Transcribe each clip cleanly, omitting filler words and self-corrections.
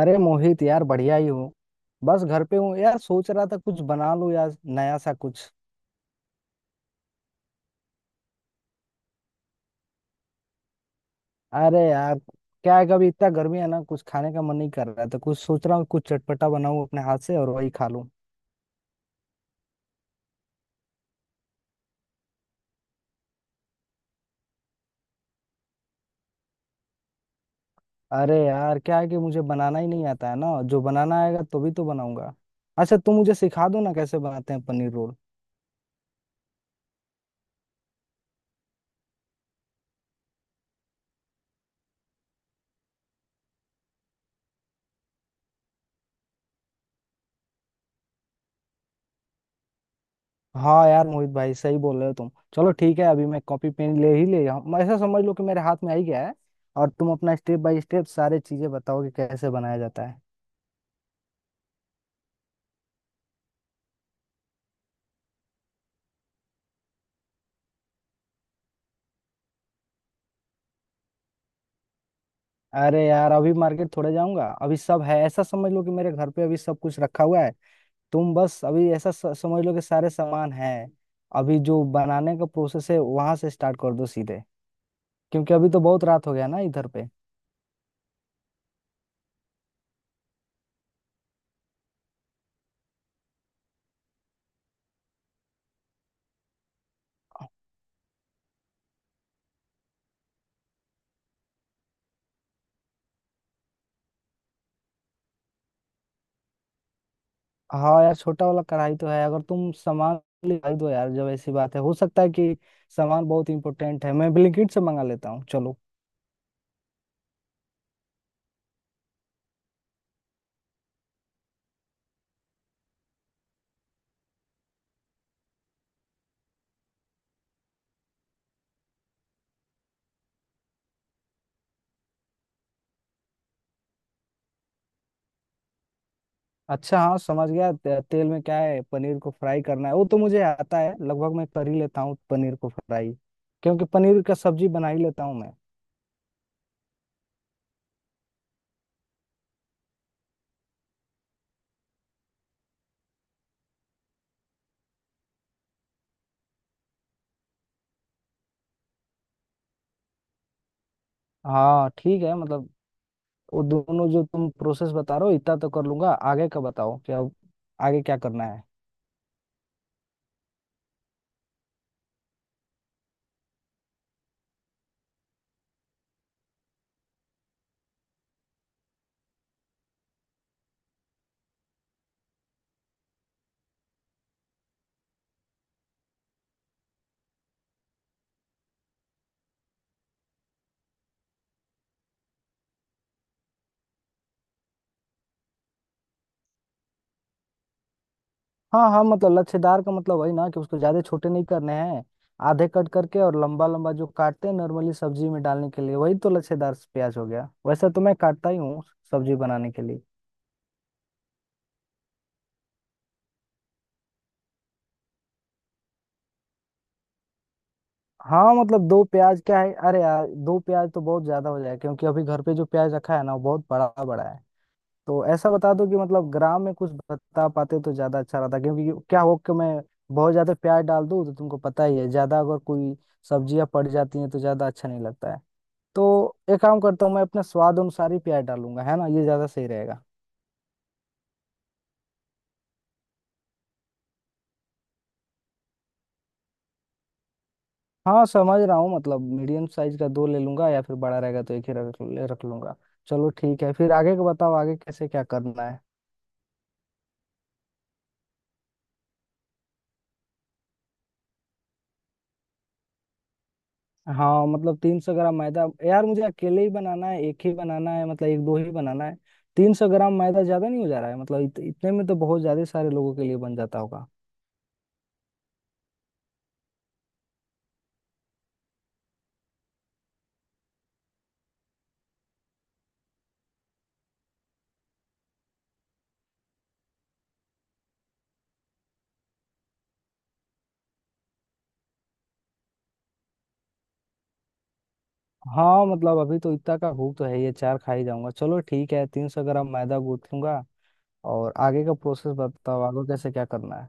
अरे मोहित यार, बढ़िया ही हूँ। बस घर पे हूँ यार, सोच रहा था कुछ बना लूँ यार, नया सा कुछ। अरे यार, क्या है कभी इतना गर्मी है ना, कुछ खाने का मन नहीं कर रहा है, तो कुछ सोच रहा हूँ कुछ चटपटा बनाऊँ अपने हाथ से और वही खा लूँ। अरे यार, क्या है कि मुझे बनाना ही नहीं आता है ना, जो बनाना आएगा तो भी तो बनाऊंगा। अच्छा तुम मुझे सिखा दो ना कैसे बनाते हैं पनीर रोल। हाँ यार मोहित भाई, सही बोल रहे हो तुम। चलो ठीक है, अभी मैं कॉपी पेन ले ही ले जाऊँ, ऐसा समझ लो कि मेरे हाथ में आ ही गया है। और तुम अपना स्टेप बाय स्टेप सारे चीजें बताओ कि कैसे बनाया जाता है। अरे यार, अभी मार्केट थोड़े जाऊंगा, अभी सब है, ऐसा समझ लो कि मेरे घर पे अभी सब कुछ रखा हुआ है। तुम बस अभी ऐसा समझ लो कि सारे सामान है। अभी जो बनाने का प्रोसेस है वहां से स्टार्ट कर दो सीधे, क्योंकि अभी तो बहुत रात हो गया ना इधर पे। हाँ यार, छोटा वाला कढ़ाई तो है। अगर तुम सामान ले दो यार, जब ऐसी बात है, हो सकता है कि सामान बहुत इंपॉर्टेंट है, मैं ब्लिंकिट से मंगा लेता हूँ चलो। अच्छा, हाँ समझ गया। तेल में क्या है पनीर को फ्राई करना है, वो तो मुझे आता है, लगभग मैं कर ही लेता हूँ पनीर को फ्राई, क्योंकि पनीर का सब्जी बना ही लेता हूँ मैं। हाँ ठीक है, मतलब वो दोनों जो तुम प्रोसेस बता रहे हो इतना तो कर लूंगा। आगे का बताओ क्या आगे क्या करना है। हाँ हाँ, मतलब लच्छेदार का मतलब वही ना कि उसको ज्यादा छोटे नहीं करने हैं, आधे कट करके और लंबा लंबा जो काटते हैं नॉर्मली सब्जी में डालने के लिए, वही तो लच्छेदार प्याज हो गया, वैसे तो मैं काटता ही हूँ सब्जी बनाने के लिए। हाँ, मतलब दो प्याज क्या है, अरे यार दो प्याज तो बहुत ज्यादा हो जाए, क्योंकि अभी घर पे जो प्याज रखा है ना वो बहुत बड़ा बड़ा है। तो ऐसा बता दो कि मतलब ग्राम में कुछ बता पाते तो ज्यादा अच्छा रहता, क्योंकि क्या हो कि मैं बहुत ज्यादा प्याज डाल दूँ तो तुमको पता ही है, ज्यादा अगर कोई सब्जियां पड़ जाती हैं तो ज्यादा अच्छा नहीं लगता है। तो एक काम करता हूँ, मैं अपने स्वाद अनुसार ही प्याज डालूंगा, है ना, ये ज्यादा सही रहेगा। हाँ समझ रहा हूँ, मतलब मीडियम साइज का दो ले लूंगा, या फिर बड़ा रहेगा तो एक ही रख रख लूंगा। चलो ठीक है, फिर आगे का बताओ आगे कैसे क्या करना है। हाँ, मतलब 300 ग्राम मैदा यार मुझे अकेले ही बनाना है, एक ही बनाना है, मतलब एक दो ही बनाना है। 300 ग्राम मैदा ज्यादा नहीं हो जा रहा है, मतलब इतने में तो बहुत ज्यादा सारे लोगों के लिए बन जाता होगा। हाँ मतलब, अभी तो इतना का भूख तो है, ये चार खा ही जाऊंगा। चलो ठीक है, 300 ग्राम मैदा गूंथ लूंगा और आगे का प्रोसेस बताओ आगे कैसे क्या करना है।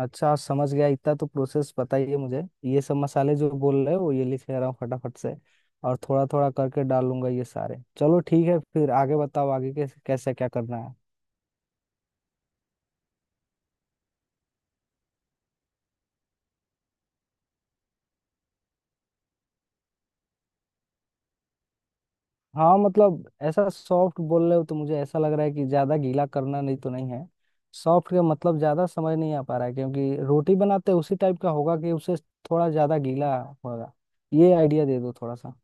अच्छा समझ गया, इतना तो प्रोसेस बताइए मुझे, ये सब मसाले जो बोल रहे हो ये लिख ले रहा हूँ फटाफट से, और थोड़ा थोड़ा करके डालूंगा ये सारे। चलो ठीक है, फिर आगे बताओ आगे कैसे कैसे क्या करना है। हाँ मतलब ऐसा सॉफ्ट बोल रहे हो, तो मुझे ऐसा लग रहा है कि ज्यादा गीला करना नहीं, तो नहीं है। सॉफ्ट का मतलब ज्यादा समझ नहीं आ पा रहा है, क्योंकि रोटी बनाते हैं उसी टाइप का होगा कि उसे थोड़ा ज्यादा गीला होगा। ये आइडिया दे दो थोड़ा सा।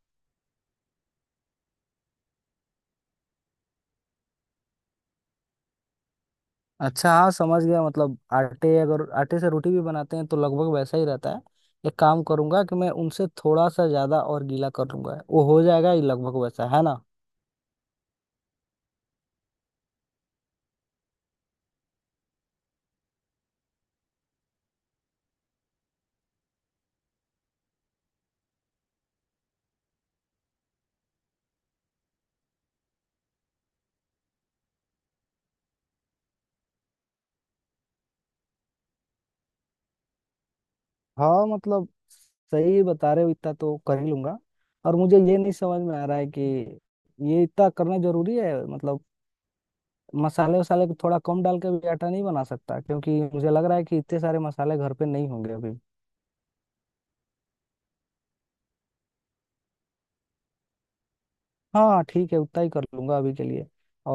अच्छा हाँ समझ गया, मतलब आटे, अगर आटे से रोटी भी बनाते हैं तो लगभग वैसा ही रहता है। एक काम करूंगा कि मैं उनसे थोड़ा सा ज्यादा और गीला कर लूंगा, वो हो जाएगा, ये लगभग वैसा है ना। हाँ मतलब सही बता रहे हो, इतना तो कर ही लूंगा। और मुझे ये नहीं समझ में आ रहा है कि ये इतना करना जरूरी है, मतलब मसाले वसाले को थोड़ा कम डाल के भी आटा नहीं बना सकता, क्योंकि मुझे लग रहा है कि इतने सारे मसाले घर पे नहीं होंगे अभी। हाँ ठीक है, उतना ही कर लूंगा अभी के लिए।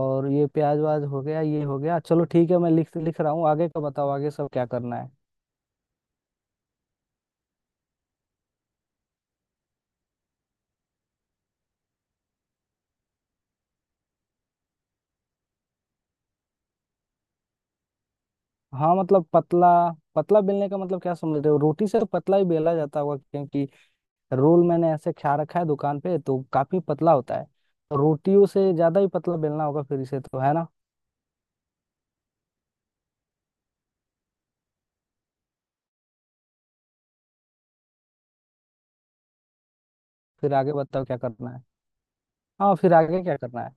और ये प्याज व्याज हो गया, ये हो गया। चलो ठीक है, मैं लिख लिख रहा हूँ। आगे का बताओ आगे सब क्या करना है। हाँ मतलब पतला, पतला बेलने का मतलब क्या समझ रहे हो, रोटी से तो पतला ही बेला जाता होगा, क्योंकि रोल मैंने ऐसे खा रखा है दुकान पे तो काफी पतला होता है। तो रोटियों से ज्यादा ही पतला बेलना होगा फिर इसे, तो है ना। फिर आगे बताओ क्या करना है। हाँ फिर आगे क्या करना है।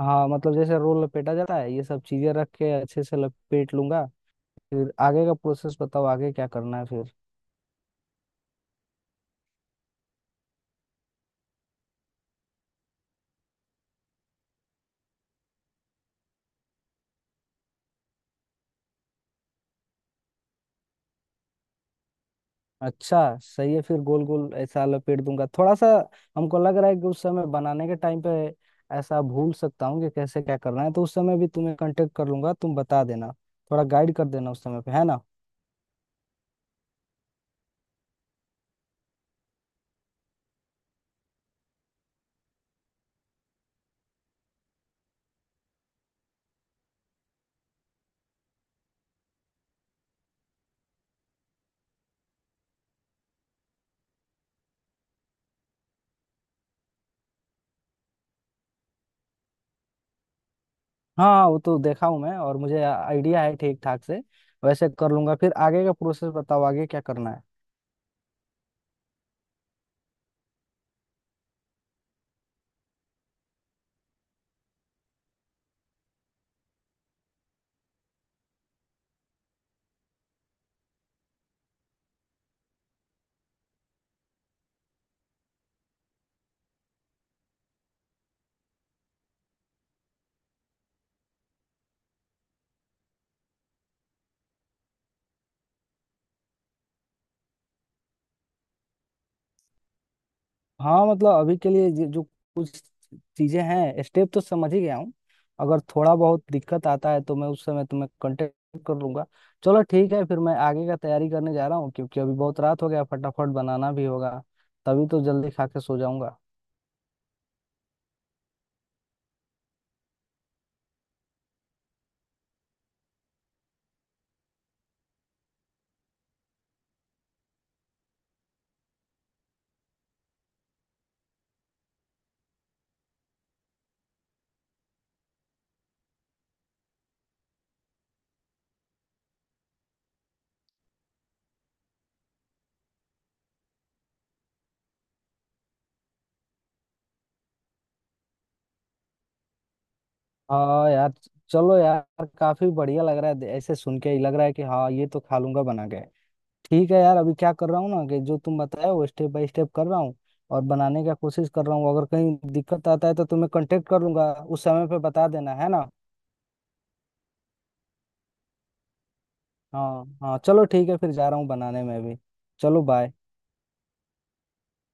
हाँ मतलब जैसे रोल लपेटा जाता है ये सब चीजें रख के अच्छे से लपेट लूंगा। फिर आगे का प्रोसेस बताओ आगे क्या करना है फिर। अच्छा सही है, फिर गोल गोल ऐसा लपेट दूंगा थोड़ा सा। हमको लग रहा है कि उस समय बनाने के टाइम पे ऐसा भूल सकता हूँ कि कैसे क्या करना है, तो उस समय भी तुम्हें कांटेक्ट कर लूंगा, तुम बता देना थोड़ा गाइड कर देना उस समय पे, है ना। हाँ वो तो देखा हूँ मैं, और मुझे आइडिया है ठीक ठाक से, वैसे कर लूंगा। फिर आगे का प्रोसेस बताओ आगे क्या करना है। हाँ मतलब अभी के लिए जो जो कुछ चीजें हैं स्टेप तो समझ ही गया हूँ, अगर थोड़ा बहुत दिक्कत आता है तो मैं उस समय तुम्हें कांटेक्ट कर लूंगा। चलो ठीक है, फिर मैं आगे का तैयारी करने जा रहा हूँ, क्योंकि अभी बहुत रात हो गया फटाफट बनाना भी होगा, तभी तो जल्दी खा के सो जाऊंगा। हाँ यार, चलो यार काफी बढ़िया लग रहा है, ऐसे सुन के ही लग रहा है कि हाँ ये तो खा लूंगा बना के। ठीक है यार, अभी क्या कर रहा हूँ ना कि जो तुम बताए वो स्टेप बाय स्टेप कर रहा हूँ और बनाने का कोशिश कर रहा हूँ। अगर कहीं दिक्कत आता है तो तुम्हें कांटेक्ट कर लूंगा, उस समय पे बता देना, है ना। हाँ हाँ चलो ठीक है, फिर जा रहा हूँ बनाने में भी। चलो बाय।